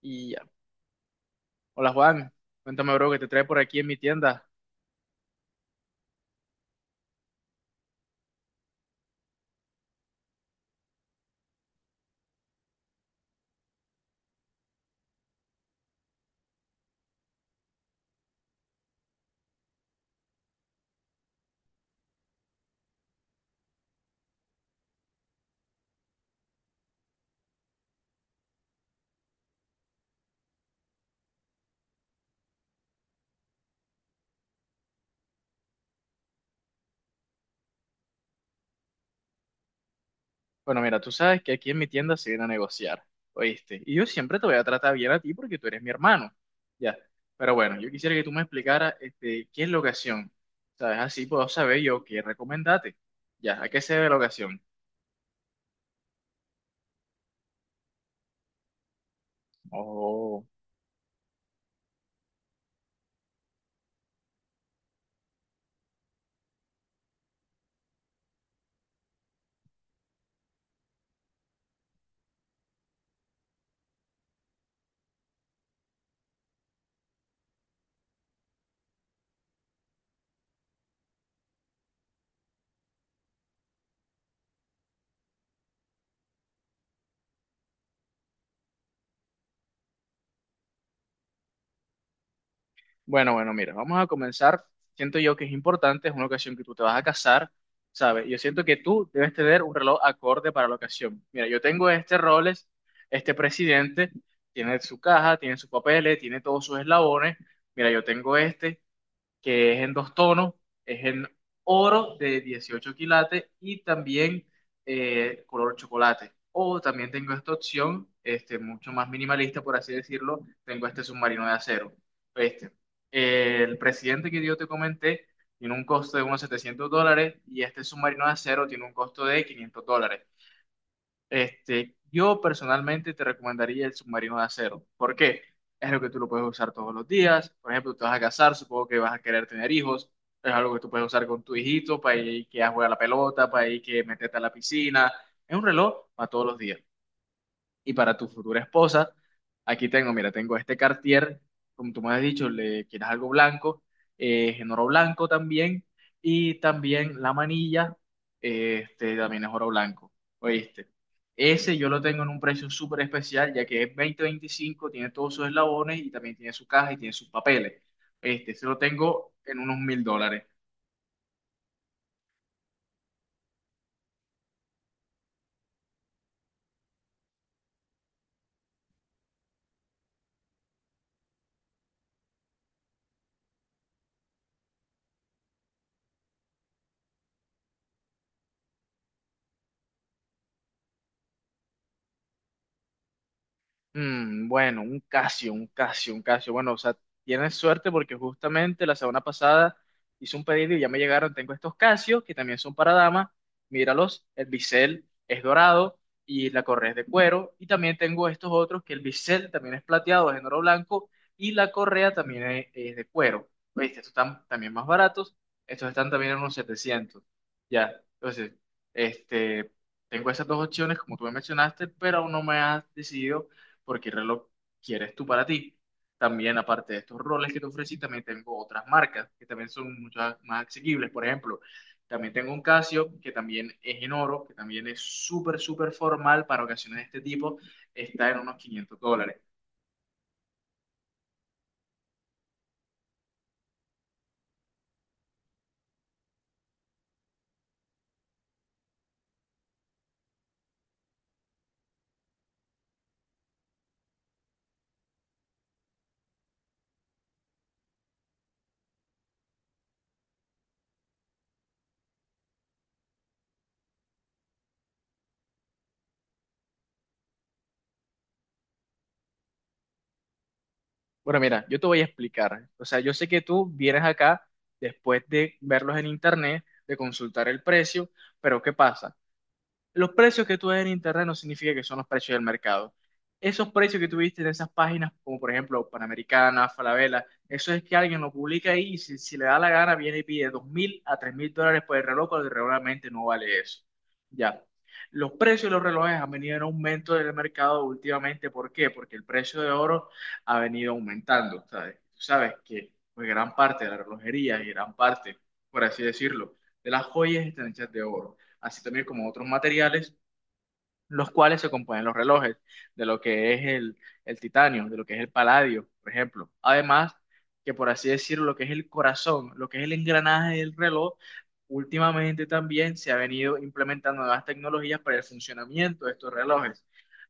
Y ya. Hola Juan, cuéntame bro, ¿qué te trae por aquí en mi tienda? Bueno, mira, tú sabes que aquí en mi tienda se viene a negociar, ¿oíste? Y yo siempre te voy a tratar bien a ti porque tú eres mi hermano, ya. Pero bueno, yo quisiera que tú me explicaras, este, qué es la ocasión, ¿sabes? Así puedo saber yo qué recomendarte, ya, ¿a qué se debe la ocasión? Oh. Bueno, bueno, mira, vamos a comenzar. Siento yo que es importante, es una ocasión que tú te vas a casar, ¿sabes? Yo siento que tú debes tener un reloj acorde para la ocasión. Mira, yo tengo este Rolex, este presidente, tiene su caja, tiene sus papeles, tiene todos sus eslabones. Mira, yo tengo este que es en dos tonos, es en oro de 18 quilates y también color chocolate. O también tengo esta opción, este, mucho más minimalista, por así decirlo, tengo este submarino de acero. Este, el presidente que yo te comenté tiene un costo de unos $700 y este submarino de acero tiene un costo de $500. Este, yo personalmente te recomendaría el submarino de acero. ¿Por qué? Es algo que tú lo puedes usar todos los días. Por ejemplo, te vas a casar, supongo que vas a querer tener hijos. Es algo que tú puedes usar con tu hijito para ir que a jugar a la pelota, para ir que meterte a la piscina. Es un reloj para todos los días. Y para tu futura esposa, aquí tengo, mira, tengo este Cartier, como tú me has dicho, le quieres algo blanco, en oro blanco también, y también la manilla, este también es oro blanco, ¿oíste? Ese yo lo tengo en un precio súper especial, ya que es 2025, tiene todos sus eslabones y también tiene su caja y tiene sus papeles. Este, se lo tengo en unos $1,000. Mm, bueno, un Casio, un Casio, un Casio. Bueno, o sea, tienes suerte porque justamente la semana pasada hice un pedido y ya me llegaron. Tengo estos Casios que también son para damas. Míralos, el bisel es dorado y la correa es de cuero. Y también tengo estos otros que el bisel también es plateado, es en oro blanco y la correa también es de cuero. ¿Viste? Estos están también más baratos. Estos están también en unos 700. Ya, entonces, este, tengo esas dos opciones como tú me mencionaste, pero aún no me has decidido porque el reloj quieres tú para ti. También, aparte de estos roles que te ofrecí, también tengo otras marcas que también son mucho más asequibles. Por ejemplo, también tengo un Casio que también es en oro, que también es súper, súper formal para ocasiones de este tipo. Está en unos $500. Bueno, mira, yo te voy a explicar. O sea, yo sé que tú vienes acá después de verlos en internet, de consultar el precio, pero ¿qué pasa? Los precios que tú ves en internet no significa que son los precios del mercado. Esos precios que tú viste en esas páginas, como por ejemplo Panamericana, Falabella, eso es que alguien lo publica ahí y si le da la gana viene y pide 2.000 a 3.000 dólares por el reloj, pero realmente no vale eso. Ya. Los precios de los relojes han venido en aumento del mercado últimamente. ¿Por qué? Porque el precio de oro ha venido aumentando, ¿sabes? Tú sabes que pues, gran parte de la relojería y gran parte, por así decirlo, de las joyas están hechas de oro así también como otros materiales los cuales se componen los relojes, de lo que es el titanio, de lo que es el paladio, por ejemplo. Además, que por así decirlo, lo que es el corazón, lo que es el engranaje del reloj, últimamente también se ha venido implementando nuevas tecnologías para el funcionamiento de estos relojes.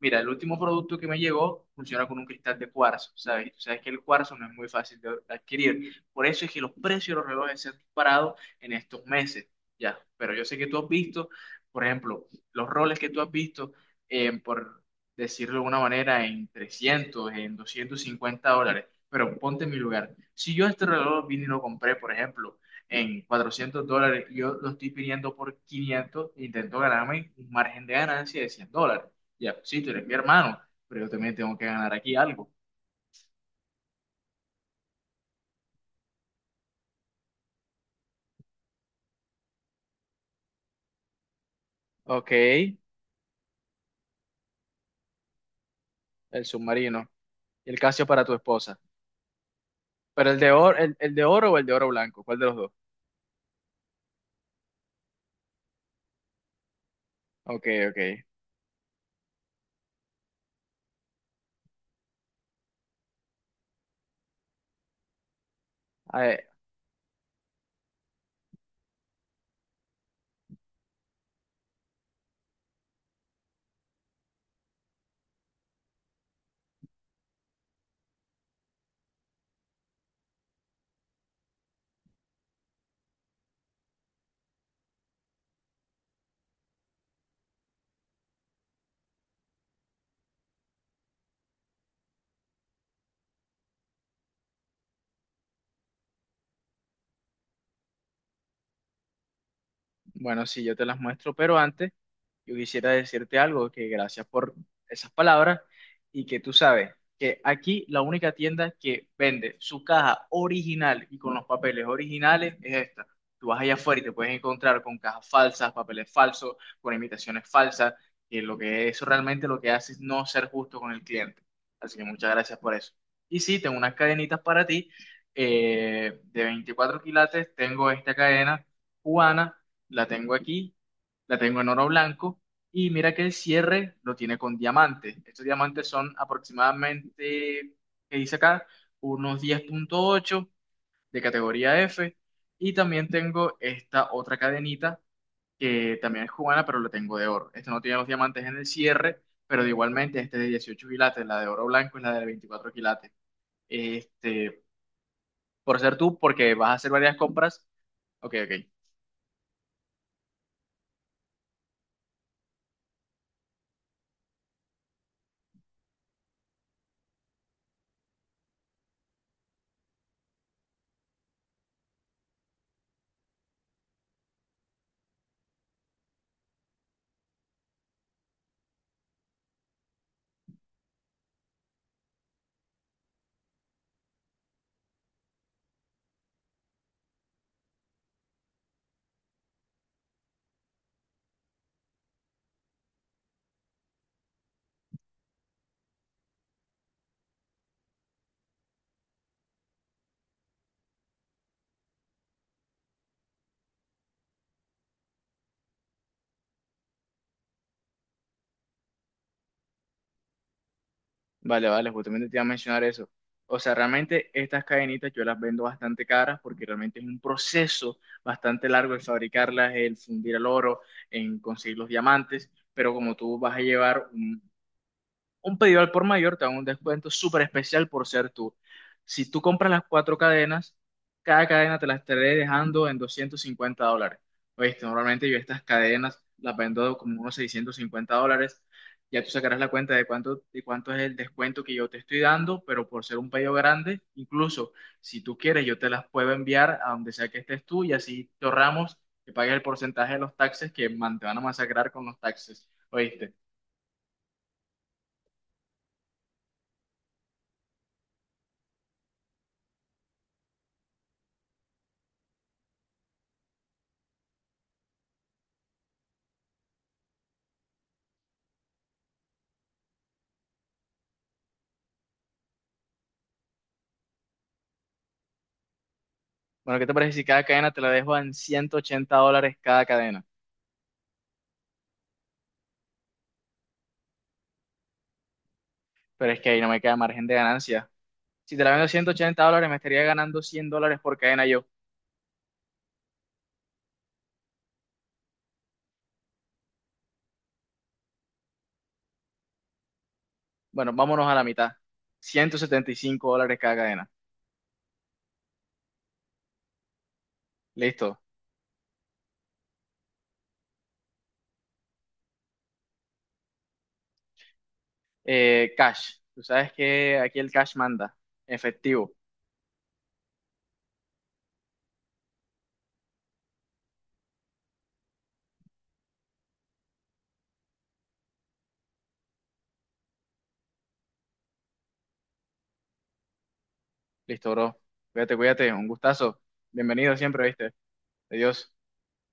Mira, el último producto que me llegó funciona con un cristal de cuarzo, ¿sabes? Y tú sabes que el cuarzo no es muy fácil de adquirir. Por eso es que los precios de los relojes se han disparado en estos meses, ¿ya? Pero yo sé que tú has visto, por ejemplo, los roles que tú has visto, por decirlo de alguna manera, en 300 en $250. Pero ponte en mi lugar. Si yo este reloj vine y lo compré, por ejemplo, en $400, y yo lo estoy pidiendo por 500, intento ganarme un margen de ganancia de $100. Ya, sí, tú eres mi hermano, pero yo también tengo que ganar aquí algo. Ok, el submarino. Y el Casio para tu esposa. Pero el de oro, el de oro o el de oro blanco, ¿cuál de los dos? Ok, ok. Bueno, sí, yo te las muestro, pero antes... Yo quisiera decirte algo, que gracias por esas palabras y que tú sabes que aquí la única tienda que vende su caja original y con los papeles originales es esta. Tú vas allá afuera y te puedes encontrar con cajas falsas, papeles falsos, con imitaciones falsas, que lo que eso realmente lo que hace es no ser justo con el cliente. Así que muchas gracias por eso. Y sí, tengo unas cadenitas para ti de 24 quilates. Tengo esta cadena cubana, la tengo aquí la tengo en oro blanco y mira que el cierre lo tiene con diamantes. Estos diamantes son aproximadamente, qué dice acá, unos 10.8 de categoría F y también tengo esta otra cadenita que también es cubana, pero la tengo de oro. Esta no tiene los diamantes en el cierre, pero de igualmente este de 18 quilates, la de oro blanco es la de 24 quilates. Este, por ser tú, porque vas a hacer varias compras. Ok, ok. Vale, vale, justamente te iba a mencionar eso. O sea, realmente estas cadenitas yo las vendo bastante caras porque realmente es un proceso bastante largo el fabricarlas, el fundir el oro, en conseguir los diamantes, pero como tú vas a llevar un pedido al por mayor te dan un descuento súper especial por ser tú. Si tú compras las cuatro cadenas, cada cadena te las estaré dejando en $250. Oíste, normalmente yo estas cadenas las vendo como unos $650. Ya tú sacarás la cuenta de cuánto es el descuento que yo te estoy dando, pero por ser un pedido grande, incluso si tú quieres, yo te las puedo enviar a donde sea que estés tú y así te ahorramos que pagues el porcentaje de los taxes te van a masacrar con los taxes. ¿Oíste? Bueno, ¿qué te parece si cada cadena te la dejo en $180 cada cadena? Pero es que ahí no me queda margen de ganancia. Si te la vendo en $180, me estaría ganando $100 por cadena yo. Bueno, vámonos a la mitad. $175 cada cadena. Listo. Cash. Tú sabes que aquí el cash manda. Efectivo. Listo, bro. Cuídate, cuídate. Un gustazo. Bienvenido siempre, ¿viste? Adiós.